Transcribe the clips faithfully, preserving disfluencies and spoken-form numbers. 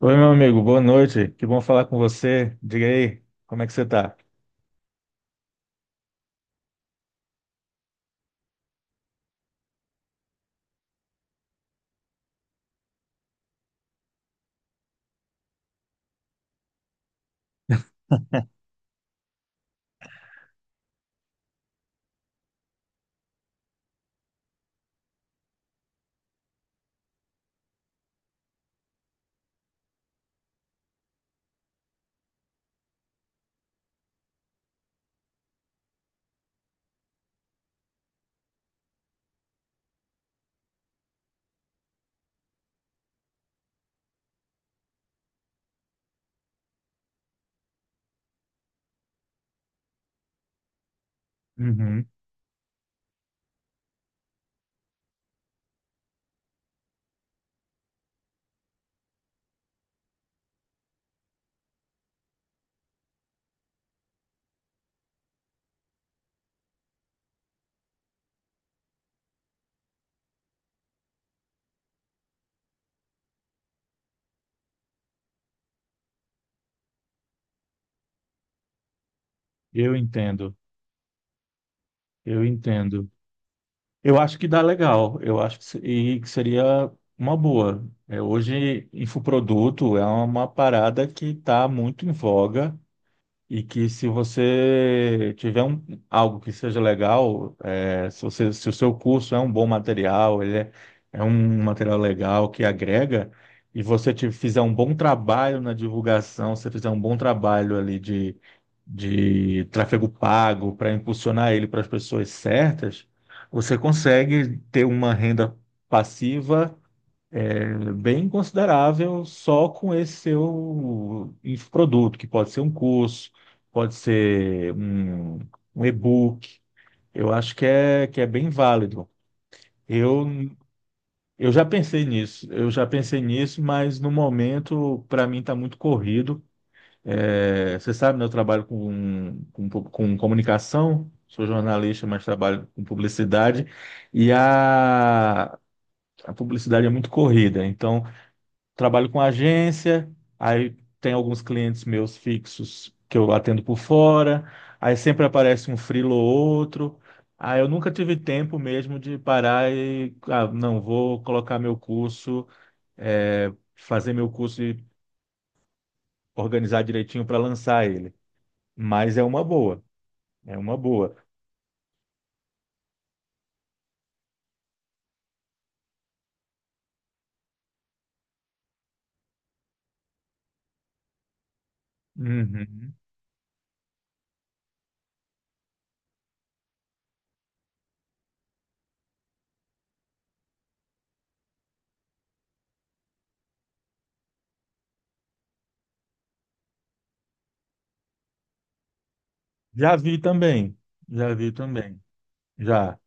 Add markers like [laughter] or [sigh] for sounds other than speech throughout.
Oi, meu amigo, boa noite. Que bom falar com você. Diga aí, como é que você tá? Uhum. Eu entendo, eu entendo. Eu acho que dá legal, eu acho que, se- e que seria uma boa. É, hoje, infoproduto é uma parada que está muito em voga. E que se você tiver um, algo que seja legal, é, se você, se o seu curso é um bom material, ele é, é um material legal que agrega, e você te, fizer um bom trabalho na divulgação, você fizer um bom trabalho ali de, de tráfego pago para impulsionar ele para as pessoas certas, você consegue ter uma renda passiva é bem considerável só com esse seu inf- produto, que pode ser um curso, pode ser um, um e-book. Eu acho que é, que é bem válido. Eu, eu já pensei nisso, eu já pensei nisso, mas no momento, para mim, está muito corrido. É, você sabe, né, eu trabalho com, com, pu- com comunicação, sou jornalista, mas trabalho com publicidade, e a, a publicidade é muito corrida. Então, trabalho com agência, aí tem alguns clientes meus fixos que eu atendo por fora, aí sempre aparece um freelo ou outro. Aí eu nunca tive tempo mesmo de parar e, ah, não, vou colocar meu curso, é, fazer meu curso e organizar direitinho para lançar ele. Mas é uma boa, é uma boa. Uhum. Já vi também, já vi também, já.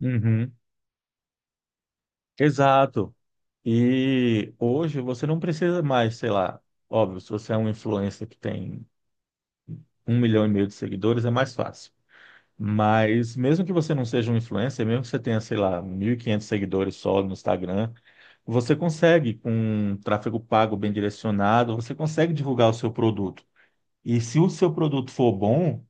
Uhum. Exato. E hoje você não precisa mais, sei lá, óbvio, se você é um influencer que tem um milhão e meio de seguidores, é mais fácil. Mas mesmo que você não seja um influencer, mesmo que você tenha, sei lá, mil e quinhentos seguidores só no Instagram, você consegue, com um tráfego pago bem direcionado, você consegue divulgar o seu produto. E se o seu produto for bom,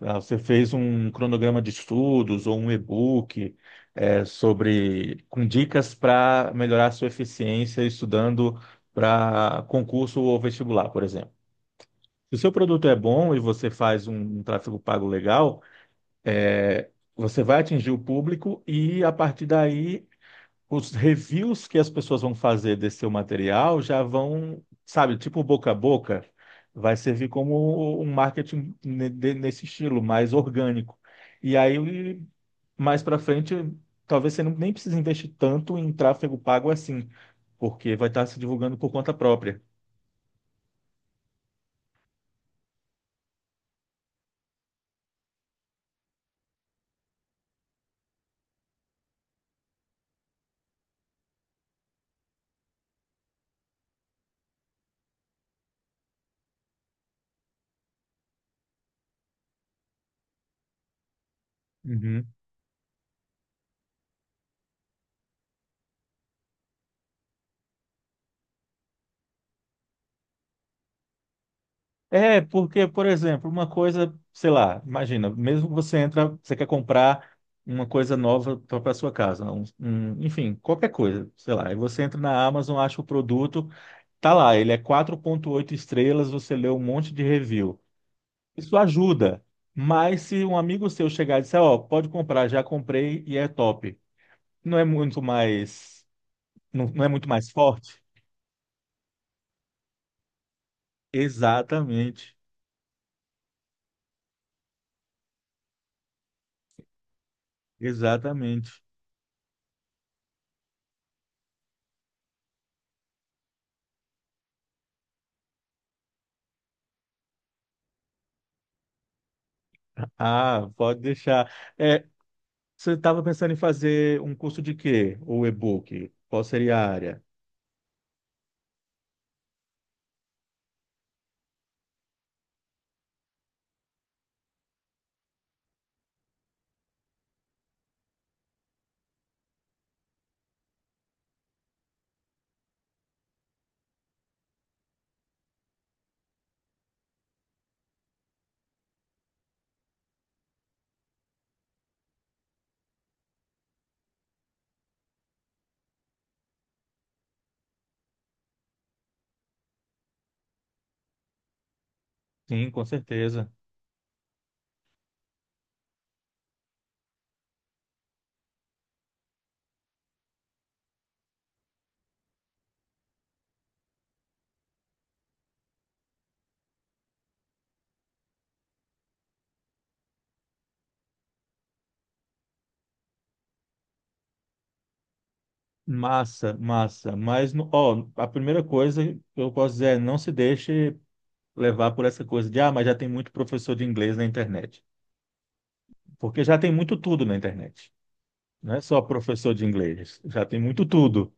ah, você fez um cronograma de estudos ou um e-book eh, sobre com dicas para melhorar a sua eficiência estudando para concurso ou vestibular, por exemplo. Se o seu produto é bom e você faz um um tráfego pago legal, eh, você vai atingir o público e a partir daí os reviews que as pessoas vão fazer desse seu material já vão, sabe, tipo boca a boca, vai servir como um marketing ne- de- nesse estilo, mais orgânico. E aí, mais para frente, talvez você não- nem precise investir tanto em tráfego pago assim, porque vai estar se divulgando por conta própria. Uhum. É, porque, por exemplo, uma coisa, sei lá, imagina, mesmo você entra, você quer comprar uma coisa nova para sua casa, um- um- enfim, qualquer coisa, sei lá, e você entra na Amazon, acha o produto, tá lá, ele é quatro vírgula oito estrelas, você lê um monte de review. Isso ajuda, mas se um amigo seu chegar e disser, ó, pode comprar, já comprei e é top, não é muito mais, não, não é muito mais forte? Exatamente, exatamente. Ah, pode deixar. É, você estava pensando em fazer um curso de quê? Ou e-book? Qual seria a área? Sim, com certeza. Massa, massa. Mas, no- ó, a primeira coisa que eu posso dizer é não se deixe levar por essa coisa de, ah, mas já tem muito professor de inglês na internet. Porque já tem muito tudo na internet. Não é só professor de inglês, já tem muito tudo.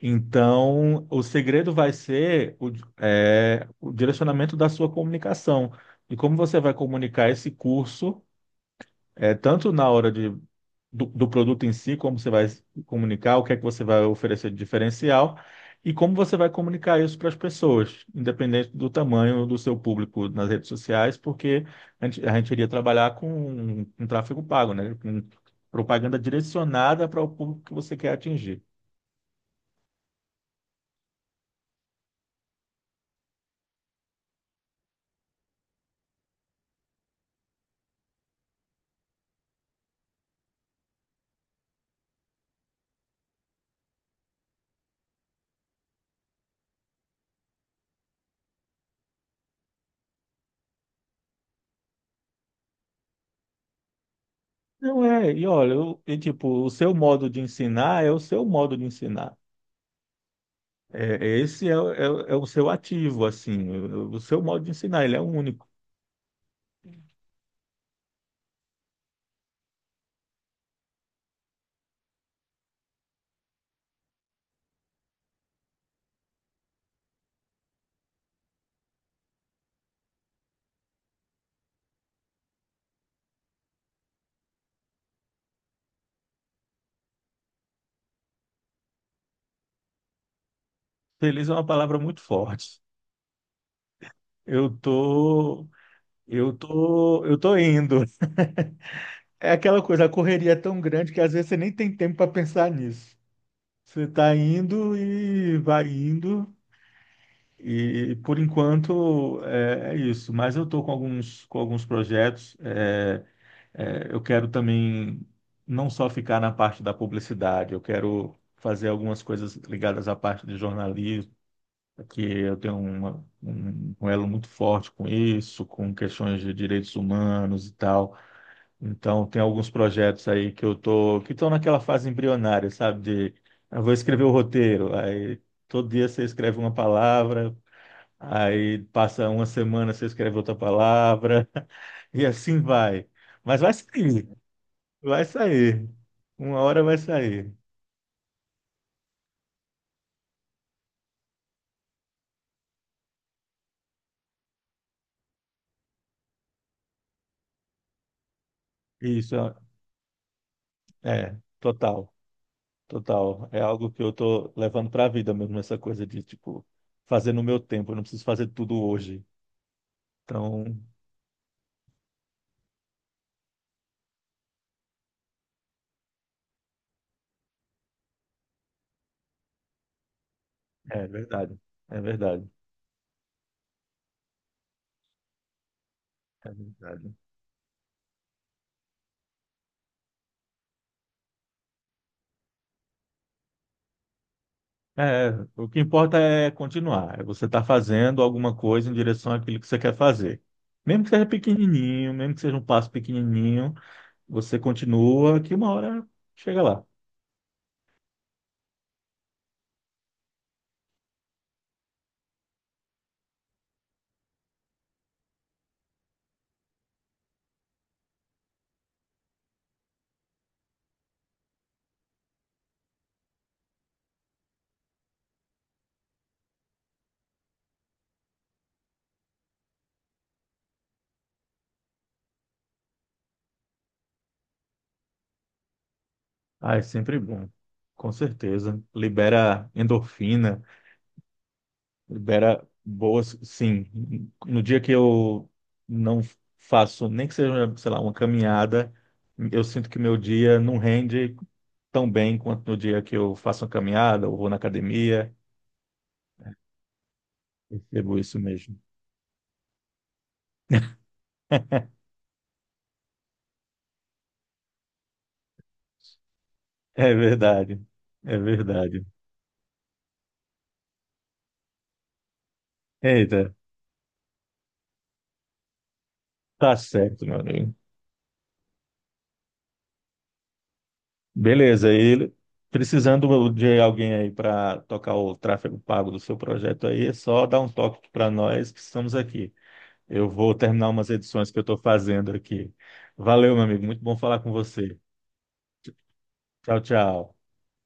Então, o segredo vai ser o, é, o direcionamento da sua comunicação. E como você vai comunicar esse curso, é, tanto na hora de do, do produto em si, como você vai comunicar, o que é que você vai oferecer de diferencial e como você vai comunicar isso para as pessoas, independente do tamanho do seu público nas redes sociais, porque a gente, a gente iria trabalhar com, com tráfego pago, né? Com propaganda direcionada para o público que você quer atingir. Não é, e olha, eu- e tipo, o seu modo de ensinar é o seu modo de ensinar. É, é, esse é, o- é, o é o seu ativo, assim, o, o seu modo de ensinar, ele é único. Feliz é uma palavra muito forte. Eu tô, eu tô, eu tô indo. [laughs] É aquela coisa, a correria é tão grande que às vezes você nem tem tempo para pensar nisso. Você tá indo e vai indo e por enquanto é, é isso. Mas eu tô com alguns, com alguns projetos. É, é, eu quero também não só ficar na parte da publicidade. Eu quero fazer algumas coisas ligadas à parte de jornalismo que eu tenho uma- um, um elo muito forte com isso, com questões de direitos humanos e tal. Então, tem alguns projetos aí que eu tô, que estão naquela fase embrionária, sabe? De, eu vou escrever o roteiro, aí todo dia você escreve uma palavra, aí passa uma semana você escreve outra palavra, [laughs] e assim vai. Mas vai sair, vai sair. Uma hora vai sair. Isso, é, total. Total, é algo que eu tô levando para a vida mesmo, essa coisa de, tipo, fazer no meu tempo, eu não preciso fazer tudo hoje. Então, é verdade, é verdade, é verdade. É, o que importa é continuar, é você estar fazendo alguma coisa em direção àquilo que você quer fazer. Mesmo que seja pequenininho, mesmo que seja um passo pequenininho, você continua, que uma hora chega lá. Ah, é sempre bom, com certeza. Libera endorfina. Libera boas, sim. No dia que eu não faço, nem que seja, sei lá, uma caminhada, eu sinto que meu dia não rende tão bem quanto no dia que eu faço uma caminhada ou vou na academia. Percebo isso mesmo. É verdade. É verdade. Eita, tá certo, meu amigo. Beleza, e precisando de alguém aí para tocar o tráfego pago do seu projeto aí, é só dar um toque para nós que estamos aqui. Eu vou terminar umas edições que eu estou fazendo aqui. Valeu, meu amigo. Muito bom falar com você. Tchau, tchau.